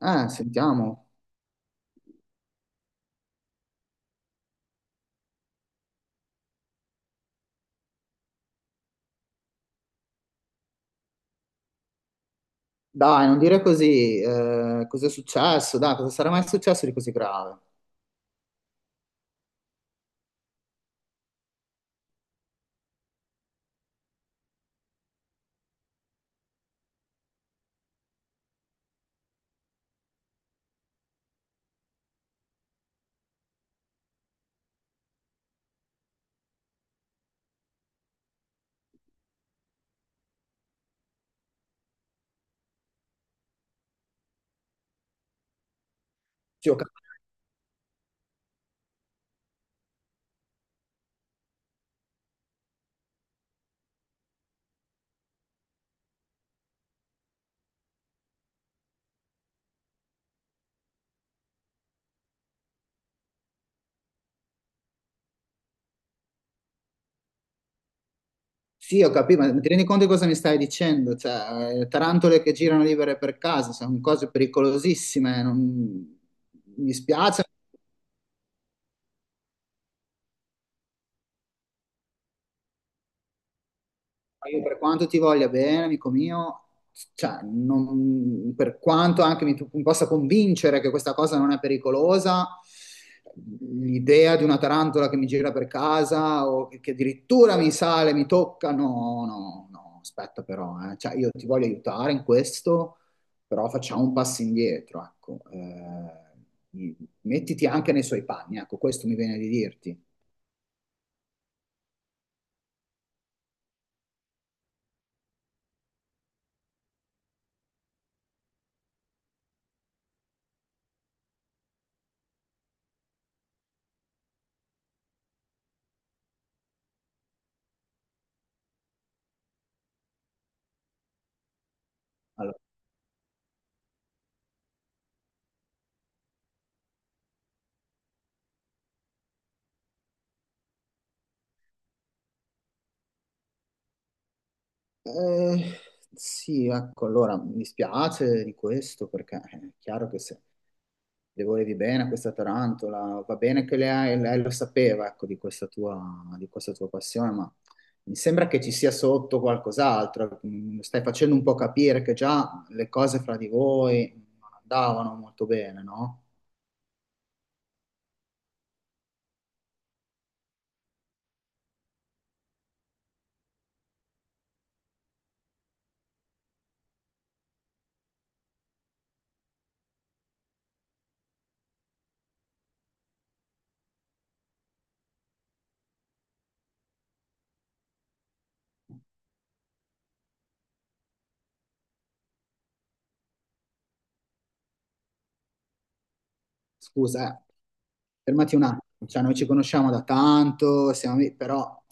Sentiamo. Dai, non dire così. Cosa è successo? Dai, cosa sarà mai successo di così grave? Sì, ho cap- sì, ho capito, ma ti rendi conto di cosa mi stai dicendo? Cioè, tarantole che girano libere per casa, sono cose pericolosissime. Mi spiace. Io per quanto ti voglia bene, amico mio, cioè, per quanto anche mi possa convincere che questa cosa non è pericolosa, l'idea di una tarantola che mi gira per casa o che addirittura mi sale, mi tocca, no, no, no, aspetta però, eh. Cioè, io ti voglio aiutare in questo, però facciamo un passo indietro, ecco. Mettiti anche nei suoi panni, ecco, questo mi viene di dirti. Allora, Eh, sì, ecco, allora mi dispiace di questo perché è chiaro che se le volevi bene a questa tarantola, va bene che lei lo sapeva, ecco, di di questa tua passione, ma mi sembra che ci sia sotto qualcos'altro. Stai facendo un po' capire che già le cose fra di voi non andavano molto bene, no? Scusa, fermati un attimo, cioè, noi ci conosciamo da tanto, siamo lì, però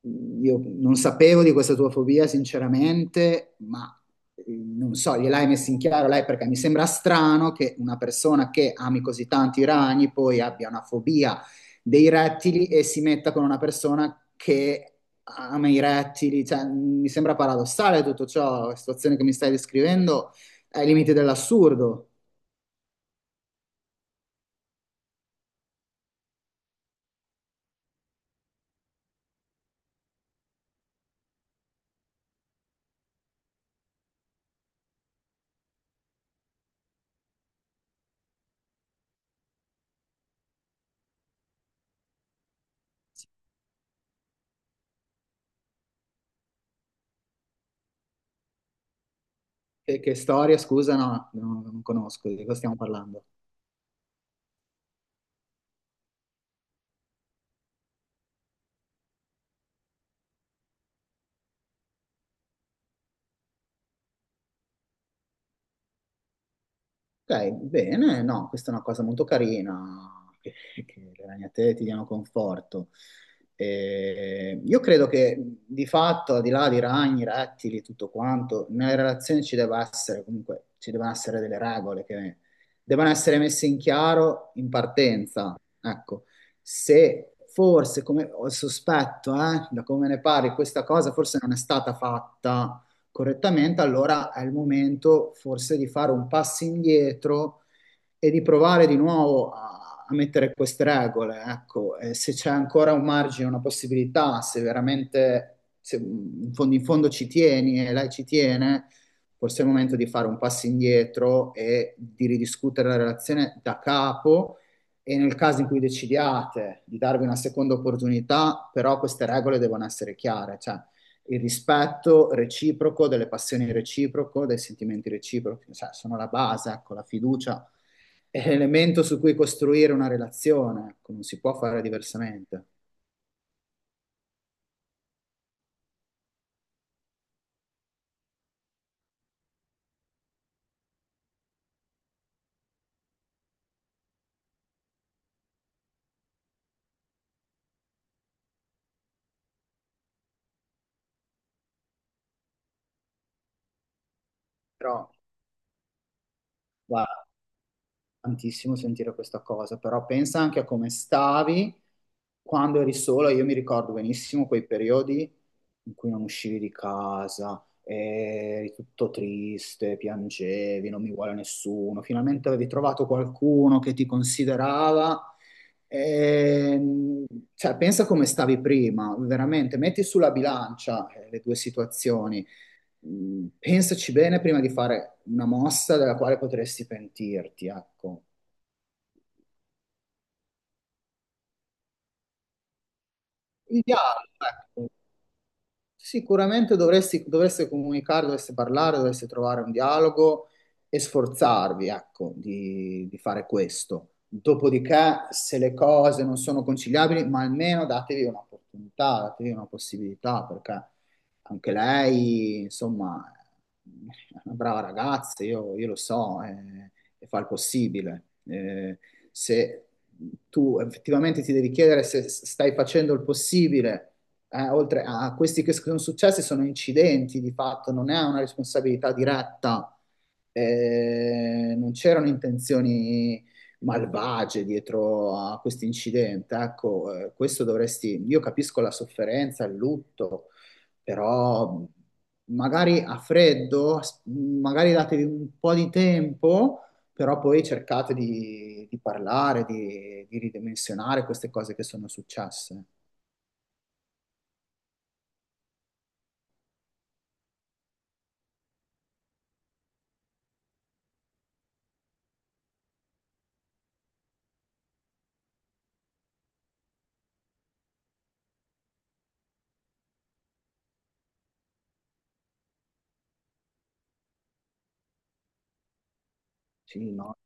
io non sapevo di questa tua fobia, sinceramente, ma eh, non so, gliel'hai messa in chiaro lei perché mi sembra strano che una persona che ami così tanti i ragni poi abbia una fobia dei rettili e si metta con una persona che ama i rettili, cioè, mi sembra paradossale tutto ciò, la situazione che mi stai descrivendo è ai limiti dell'assurdo. Che storia, scusa, no, no, non conosco di cosa stiamo parlando. Ok, bene, no, questa è una cosa molto carina, che, che le ragnatele ti diano conforto. E io credo che di fatto, al di là di ragni, rettili, tutto quanto, nelle relazioni ci devono essere delle regole che devono essere messe in chiaro in partenza. Ecco, se forse, come ho il sospetto, da come ne parli, questa cosa forse non è stata fatta correttamente, allora è il momento forse di fare un passo indietro e di provare di nuovo a mettere queste regole, ecco, e se c'è ancora un margine, una possibilità, se veramente se in fondo ci tieni e lei ci tiene, forse è il momento di fare un passo indietro e di ridiscutere la relazione da capo e nel caso in cui decidiate di darvi una seconda opportunità, però queste regole devono essere chiare, cioè il rispetto reciproco, delle passioni reciproche, dei sentimenti reciprochi, cioè sono la base, ecco, la fiducia è l'elemento su cui costruire una relazione, ecco, non si può fare diversamente. Però va, tantissimo sentire questa cosa, però pensa anche a come stavi quando eri sola. Io mi ricordo benissimo quei periodi in cui non uscivi di casa, eri tutto triste, piangevi, non mi vuole nessuno. Finalmente avevi trovato qualcuno che ti considerava. Ehm, cioè, pensa come stavi prima, veramente, metti sulla bilancia le due situazioni. Pensaci bene prima di fare una mossa della quale potresti pentirti, ecco. Il dialogo, ecco. Sicuramente dovreste comunicare, dovreste parlare, dovreste trovare un dialogo e sforzarvi, ecco, di fare questo. Dopodiché, se le cose non sono conciliabili, ma almeno datevi un'opportunità, datevi una possibilità, perché anche lei, insomma, è una brava ragazza, io lo so, e fa il possibile. Se tu effettivamente ti devi chiedere se stai facendo il possibile oltre a questi che sono successi, sono incidenti di fatto, non è una responsabilità diretta, non c'erano intenzioni malvagie dietro a questo incidente. Ecco, questo dovresti, io capisco la sofferenza, il lutto, però magari a freddo, magari datevi un po' di tempo. Però poi cercate di parlare, di ridimensionare queste cose che sono successe. Sì, no?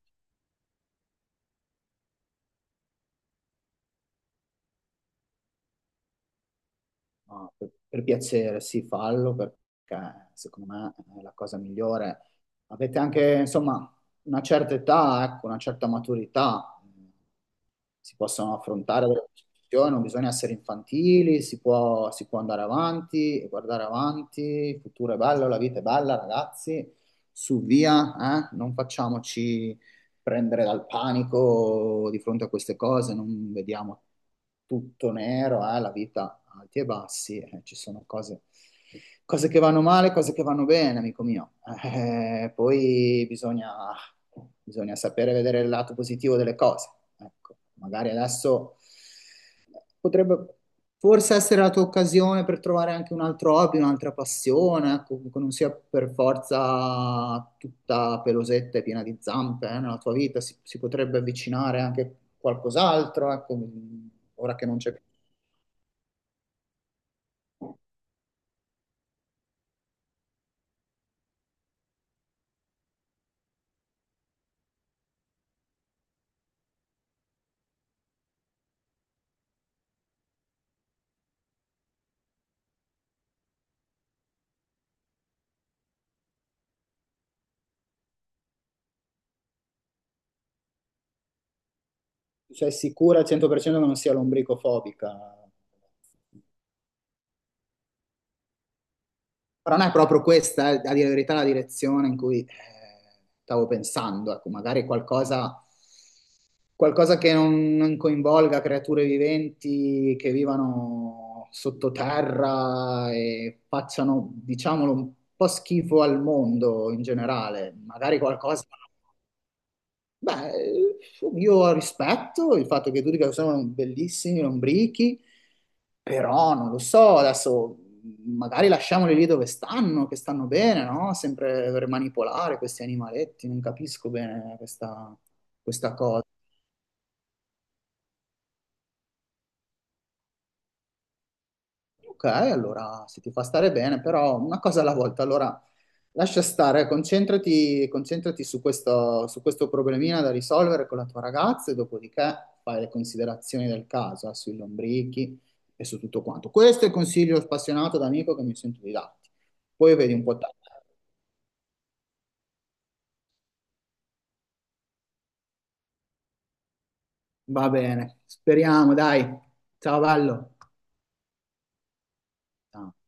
No, per piacere, sì, fallo perché secondo me è la cosa migliore. Avete anche, insomma, una certa età, ecco, una certa maturità. Si possono affrontare delle discussioni, non bisogna essere infantili, si può andare avanti e guardare avanti. Il futuro è bello, la vita è bella, ragazzi. Su via, eh? Non facciamoci prendere dal panico di fronte a queste cose, non vediamo tutto nero, eh? La vita alti e bassi, ci sono cose, cose che vanno male, cose che vanno bene, amico mio. Poi bisogna sapere vedere il lato positivo delle cose. Ecco, magari adesso potrebbe forse essere la tua occasione per trovare anche un altro hobby, un'altra passione, ecco, che non sia per forza tutta pelosetta e piena di zampe, nella tua vita, si potrebbe avvicinare anche qualcos'altro, ecco, ora che non c'è più. Cioè, sicura al 100% che non sia lombricofobica? Però non è proprio questa, a dire la verità, la direzione in cui stavo pensando. Ecco, magari qualcosa, qualcosa che non coinvolga creature viventi che vivano sottoterra e facciano, diciamolo, un po' schifo al mondo in generale. Magari qualcosa. Beh, io rispetto il fatto che tu dica che sono bellissimi, lombrichi, però non lo so, adesso magari lasciamoli lì dove stanno, che stanno bene, no? Sempre per manipolare questi animaletti, non capisco bene questa cosa. Ok, allora se ti fa stare bene, però una cosa alla volta, allora lascia stare, concentrati su questo problemino da risolvere con la tua ragazza e dopodiché fai le considerazioni del caso, sui lombrichi e su tutto quanto. Questo è il consiglio spassionato da amico che mi sento di darti. Poi vedi un po' te. Va bene, speriamo, dai. Ciao, bello. Ciao.